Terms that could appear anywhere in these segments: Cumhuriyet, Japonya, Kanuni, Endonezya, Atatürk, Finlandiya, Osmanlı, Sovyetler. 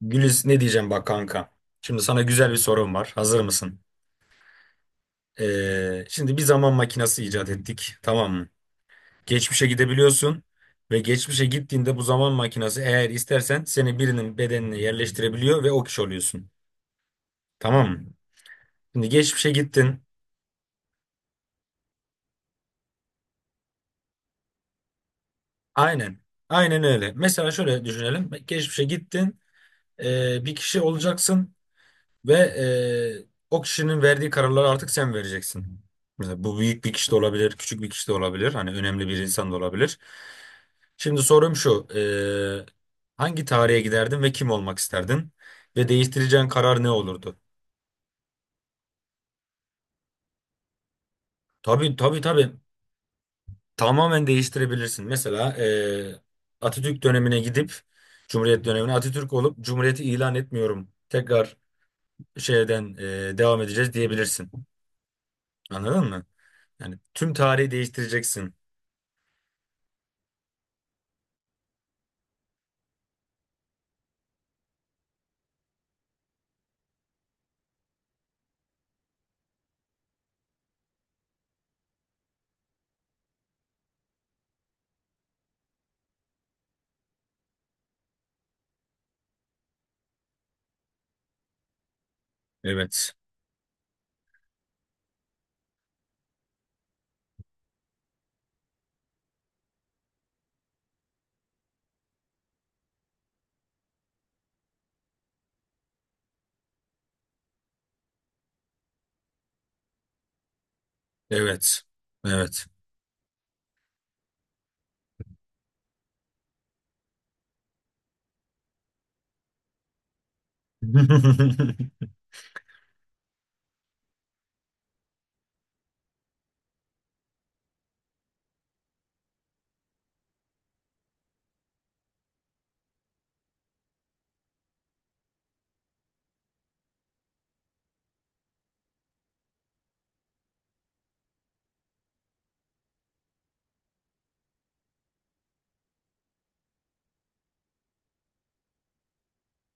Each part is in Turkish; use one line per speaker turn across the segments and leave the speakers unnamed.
Güliz, ne diyeceğim bak kanka. Şimdi sana güzel bir sorum var. Hazır mısın? Şimdi bir zaman makinesi icat ettik. Tamam mı? Geçmişe gidebiliyorsun ve geçmişe gittiğinde bu zaman makinesi eğer istersen seni birinin bedenine yerleştirebiliyor ve o kişi oluyorsun. Tamam mı? Şimdi geçmişe gittin. Aynen. Aynen öyle. Mesela şöyle düşünelim. Geçmişe gittin. Bir kişi olacaksın. Ve o kişinin verdiği kararları artık sen vereceksin. Mesela bu büyük bir kişi de olabilir, küçük bir kişi de olabilir. Hani önemli bir insan da olabilir. Şimdi sorum şu. Hangi tarihe giderdin ve kim olmak isterdin? Ve değiştireceğin karar ne olurdu? Tabii tabii tabii. Tamamen değiştirebilirsin. Mesela Atatürk dönemine gidip Cumhuriyet dönemine Atatürk olup Cumhuriyeti ilan etmiyorum. Tekrar şeyden devam edeceğiz diyebilirsin. Anladın mı? Yani tüm tarihi değiştireceksin. Evet. Evet. Evet.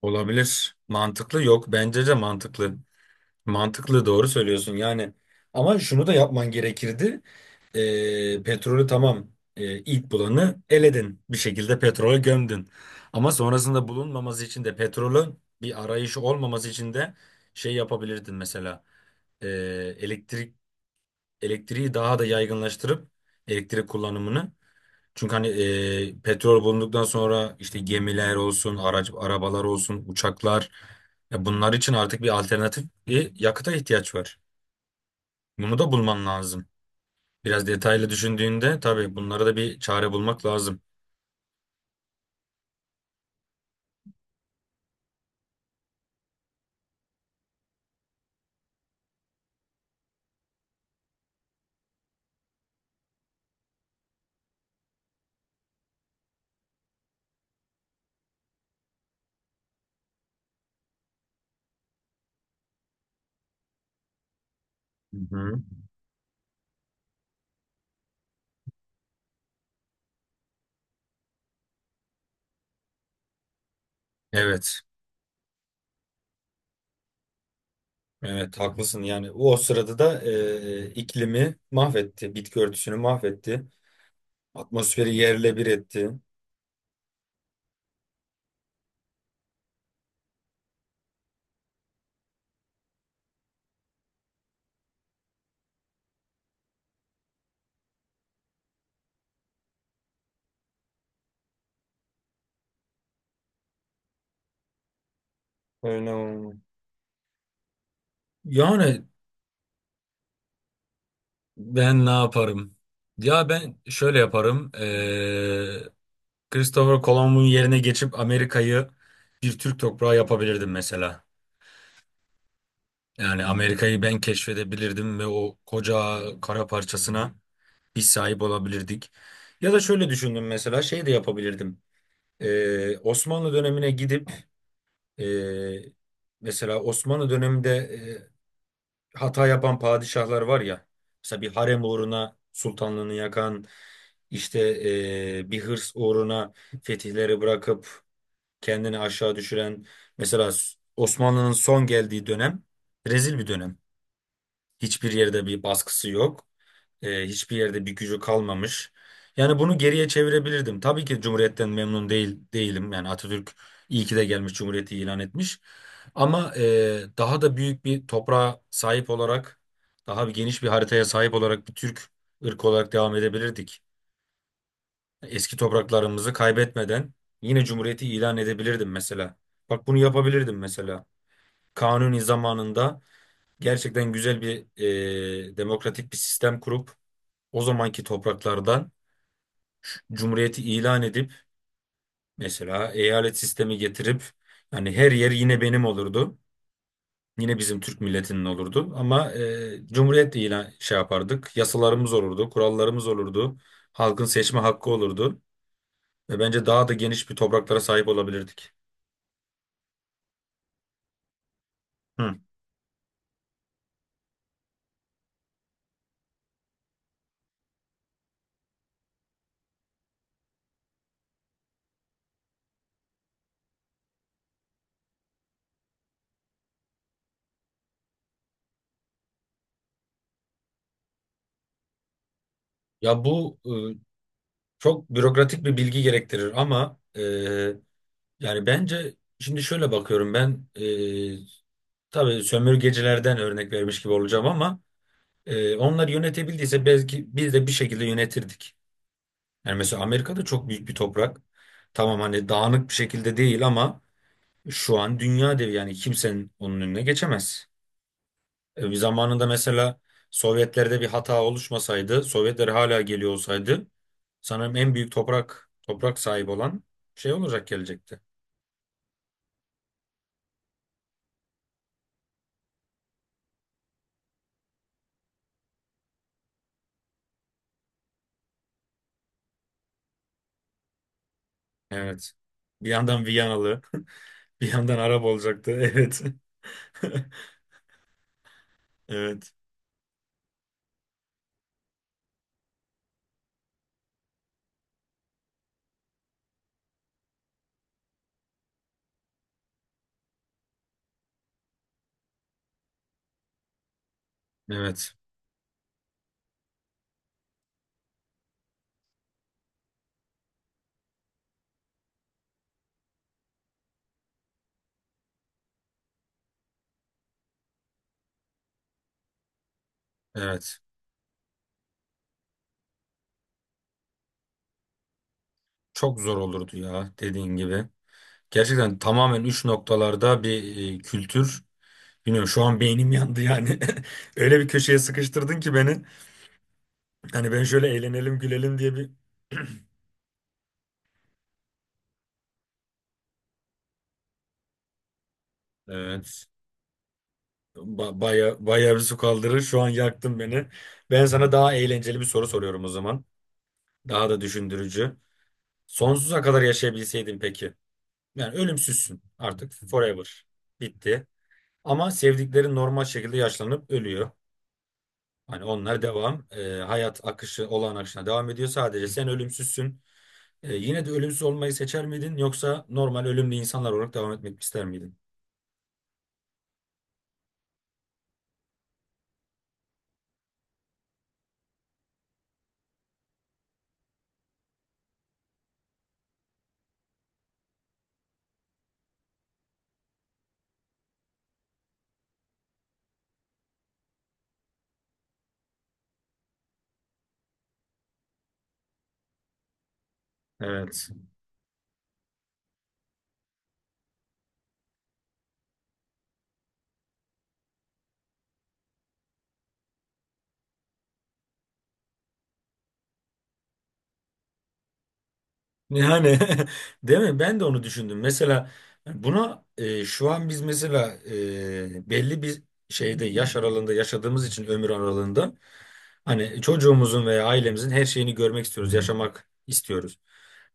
Olabilir. Mantıklı yok. Bence de mantıklı. Mantıklı, doğru söylüyorsun yani. Ama şunu da yapman gerekirdi. Petrolü tamam, ilk bulanı eledin. Bir şekilde petrole gömdün. Ama sonrasında bulunmaması için de, petrolün bir arayışı olmaması için de şey yapabilirdin mesela. Ee, elektrik Elektriği daha da yaygınlaştırıp elektrik kullanımını. Çünkü hani petrol bulunduktan sonra işte gemiler olsun, arabalar olsun, uçaklar, ya bunlar için artık bir alternatif bir yakıta ihtiyaç var. Bunu da bulman lazım. Biraz detaylı düşündüğünde tabii bunlara da bir çare bulmak lazım. Hı hı. Evet. Evet, haklısın yani. O sırada da iklimi mahvetti, bitki örtüsünü mahvetti, atmosferi yerle bir etti. Öyle oldu. Yani ben ne yaparım? Ya ben şöyle yaparım. Christopher Columbus'un yerine geçip Amerika'yı bir Türk toprağı yapabilirdim mesela. Yani Amerika'yı ben keşfedebilirdim ve o koca kara parçasına biz sahip olabilirdik. Ya da şöyle düşündüm, mesela şey de yapabilirdim. Osmanlı dönemine gidip eee, mesela Osmanlı döneminde e, hata yapan padişahlar var ya. Mesela bir harem uğruna sultanlığını yakan, işte bir hırs uğruna fetihleri bırakıp kendini aşağı düşüren. Mesela Osmanlı'nın son geldiği dönem rezil bir dönem. Hiçbir yerde bir baskısı yok. Hiçbir yerde bir gücü kalmamış. Yani bunu geriye çevirebilirdim. Tabii ki Cumhuriyet'ten memnun değil değilim. Yani Atatürk iyi ki de gelmiş, Cumhuriyeti ilan etmiş. Ama daha da büyük bir toprağa sahip olarak, daha bir geniş bir haritaya sahip olarak bir Türk ırkı olarak devam edebilirdik. Eski topraklarımızı kaybetmeden yine Cumhuriyeti ilan edebilirdim mesela. Bak, bunu yapabilirdim mesela. Kanuni zamanında gerçekten güzel bir, demokratik bir sistem kurup o zamanki topraklardan Cumhuriyeti ilan edip mesela eyalet sistemi getirip yani her yer yine benim olurdu. Yine bizim Türk milletinin olurdu ama Cumhuriyet ilan şey yapardık. Yasalarımız olurdu, kurallarımız olurdu. Halkın seçme hakkı olurdu ve bence daha da geniş bir topraklara sahip olabilirdik. Hı. Ya bu çok bürokratik bir bilgi gerektirir ama yani bence şimdi şöyle bakıyorum ben, tabii sömürgecilerden örnek vermiş gibi olacağım ama onlar yönetebildiyse belki biz de bir şekilde yönetirdik. Yani mesela Amerika'da çok büyük bir toprak. Tamam, hani dağınık bir şekilde değil ama şu an dünya devi, yani kimsenin onun önüne geçemez. Bir zamanında mesela Sovyetlerde bir hata oluşmasaydı, Sovyetler hala geliyor olsaydı sanırım en büyük toprak sahibi olan şey olacak, gelecekti. Evet. Bir yandan Viyanalı, bir yandan Arap olacaktı. Evet. Evet. Evet. Evet. Çok zor olurdu ya, dediğin gibi. Gerçekten tamamen üç noktalarda bir kültür. Bilmiyorum, şu an beynim yandı yani. Öyle bir köşeye sıkıştırdın ki beni. Hani ben şöyle eğlenelim gülelim diye bir... Evet. Baya, baya bir su kaldırır. Şu an yaktın beni. Ben sana daha eğlenceli bir soru soruyorum o zaman. Daha da düşündürücü. Sonsuza kadar yaşayabilseydin peki. Yani ölümsüzsün artık. Forever. Bitti. Ama sevdiklerin normal şekilde yaşlanıp ölüyor. Hani onlar devam. Hayat akışı olağan akışına devam ediyor. Sadece sen ölümsüzsün. Yine de ölümsüz olmayı seçer miydin, yoksa normal ölümlü insanlar olarak devam etmek ister miydin? Evet. Yani değil mi? Ben de onu düşündüm. Mesela buna şu an biz mesela belli bir şeyde yaş aralığında yaşadığımız için, ömür aralığında, hani çocuğumuzun veya ailemizin her şeyini görmek istiyoruz, yaşamak istiyoruz.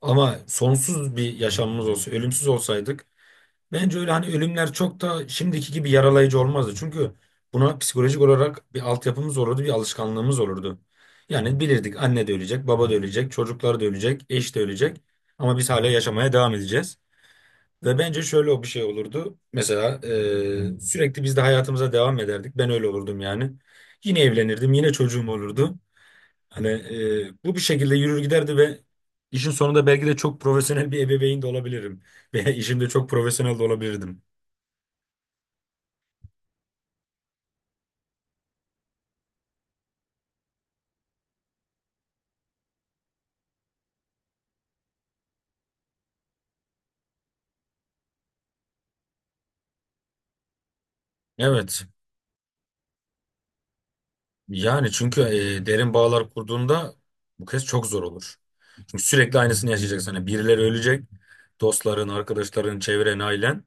Ama sonsuz bir yaşamımız olsa, ölümsüz olsaydık bence öyle hani ölümler çok da şimdiki gibi yaralayıcı olmazdı. Çünkü buna psikolojik olarak bir altyapımız olurdu, bir alışkanlığımız olurdu. Yani bilirdik, anne de ölecek, baba da ölecek, çocuklar da ölecek, eş de ölecek. Ama biz hala yaşamaya devam edeceğiz. Ve bence şöyle o bir şey olurdu. Mesela sürekli biz de hayatımıza devam ederdik. Ben öyle olurdum yani. Yine evlenirdim, yine çocuğum olurdu. Hani bu bir şekilde yürür giderdi ve işin sonunda belki de çok profesyonel bir ebeveyn de olabilirim. Veya işimde çok profesyonel de olabilirdim. Evet. Yani çünkü derin bağlar kurduğunda bu kez çok zor olur. Çünkü sürekli aynısını yaşayacaksın. Hani birileri ölecek. Dostların, arkadaşların, çevren, ailen.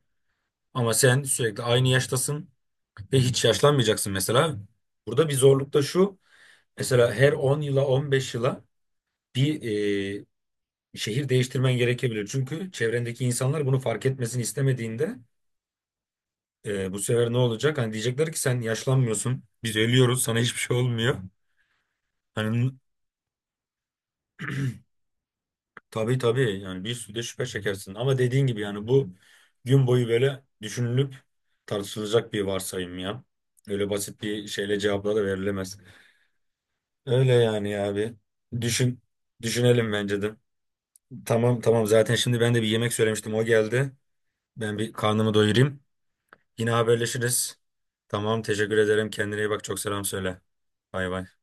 Ama sen sürekli aynı yaştasın ve hiç yaşlanmayacaksın mesela. Burada bir zorluk da şu. Mesela her 10 yıla, 15 yıla bir e, şehir değiştirmen gerekebilir. Çünkü çevrendeki insanlar bunu fark etmesini istemediğinde bu sefer ne olacak? Hani diyecekler ki sen yaşlanmıyorsun. Biz ölüyoruz. Sana hiçbir şey olmuyor. Hani tabii tabii yani, bir sürü de şüphe çekersin. Ama dediğin gibi yani bu gün boyu böyle düşünülüp tartışılacak bir varsayım ya. Öyle basit bir şeyle cevapla da verilemez. Öyle yani ya abi. Düşün, Düşünelim bence de. Tamam tamam, zaten şimdi ben de bir yemek söylemiştim, o geldi. Ben bir karnımı doyurayım. Yine haberleşiriz. Tamam, teşekkür ederim. Kendine iyi bak. Çok selam söyle. Bay bay.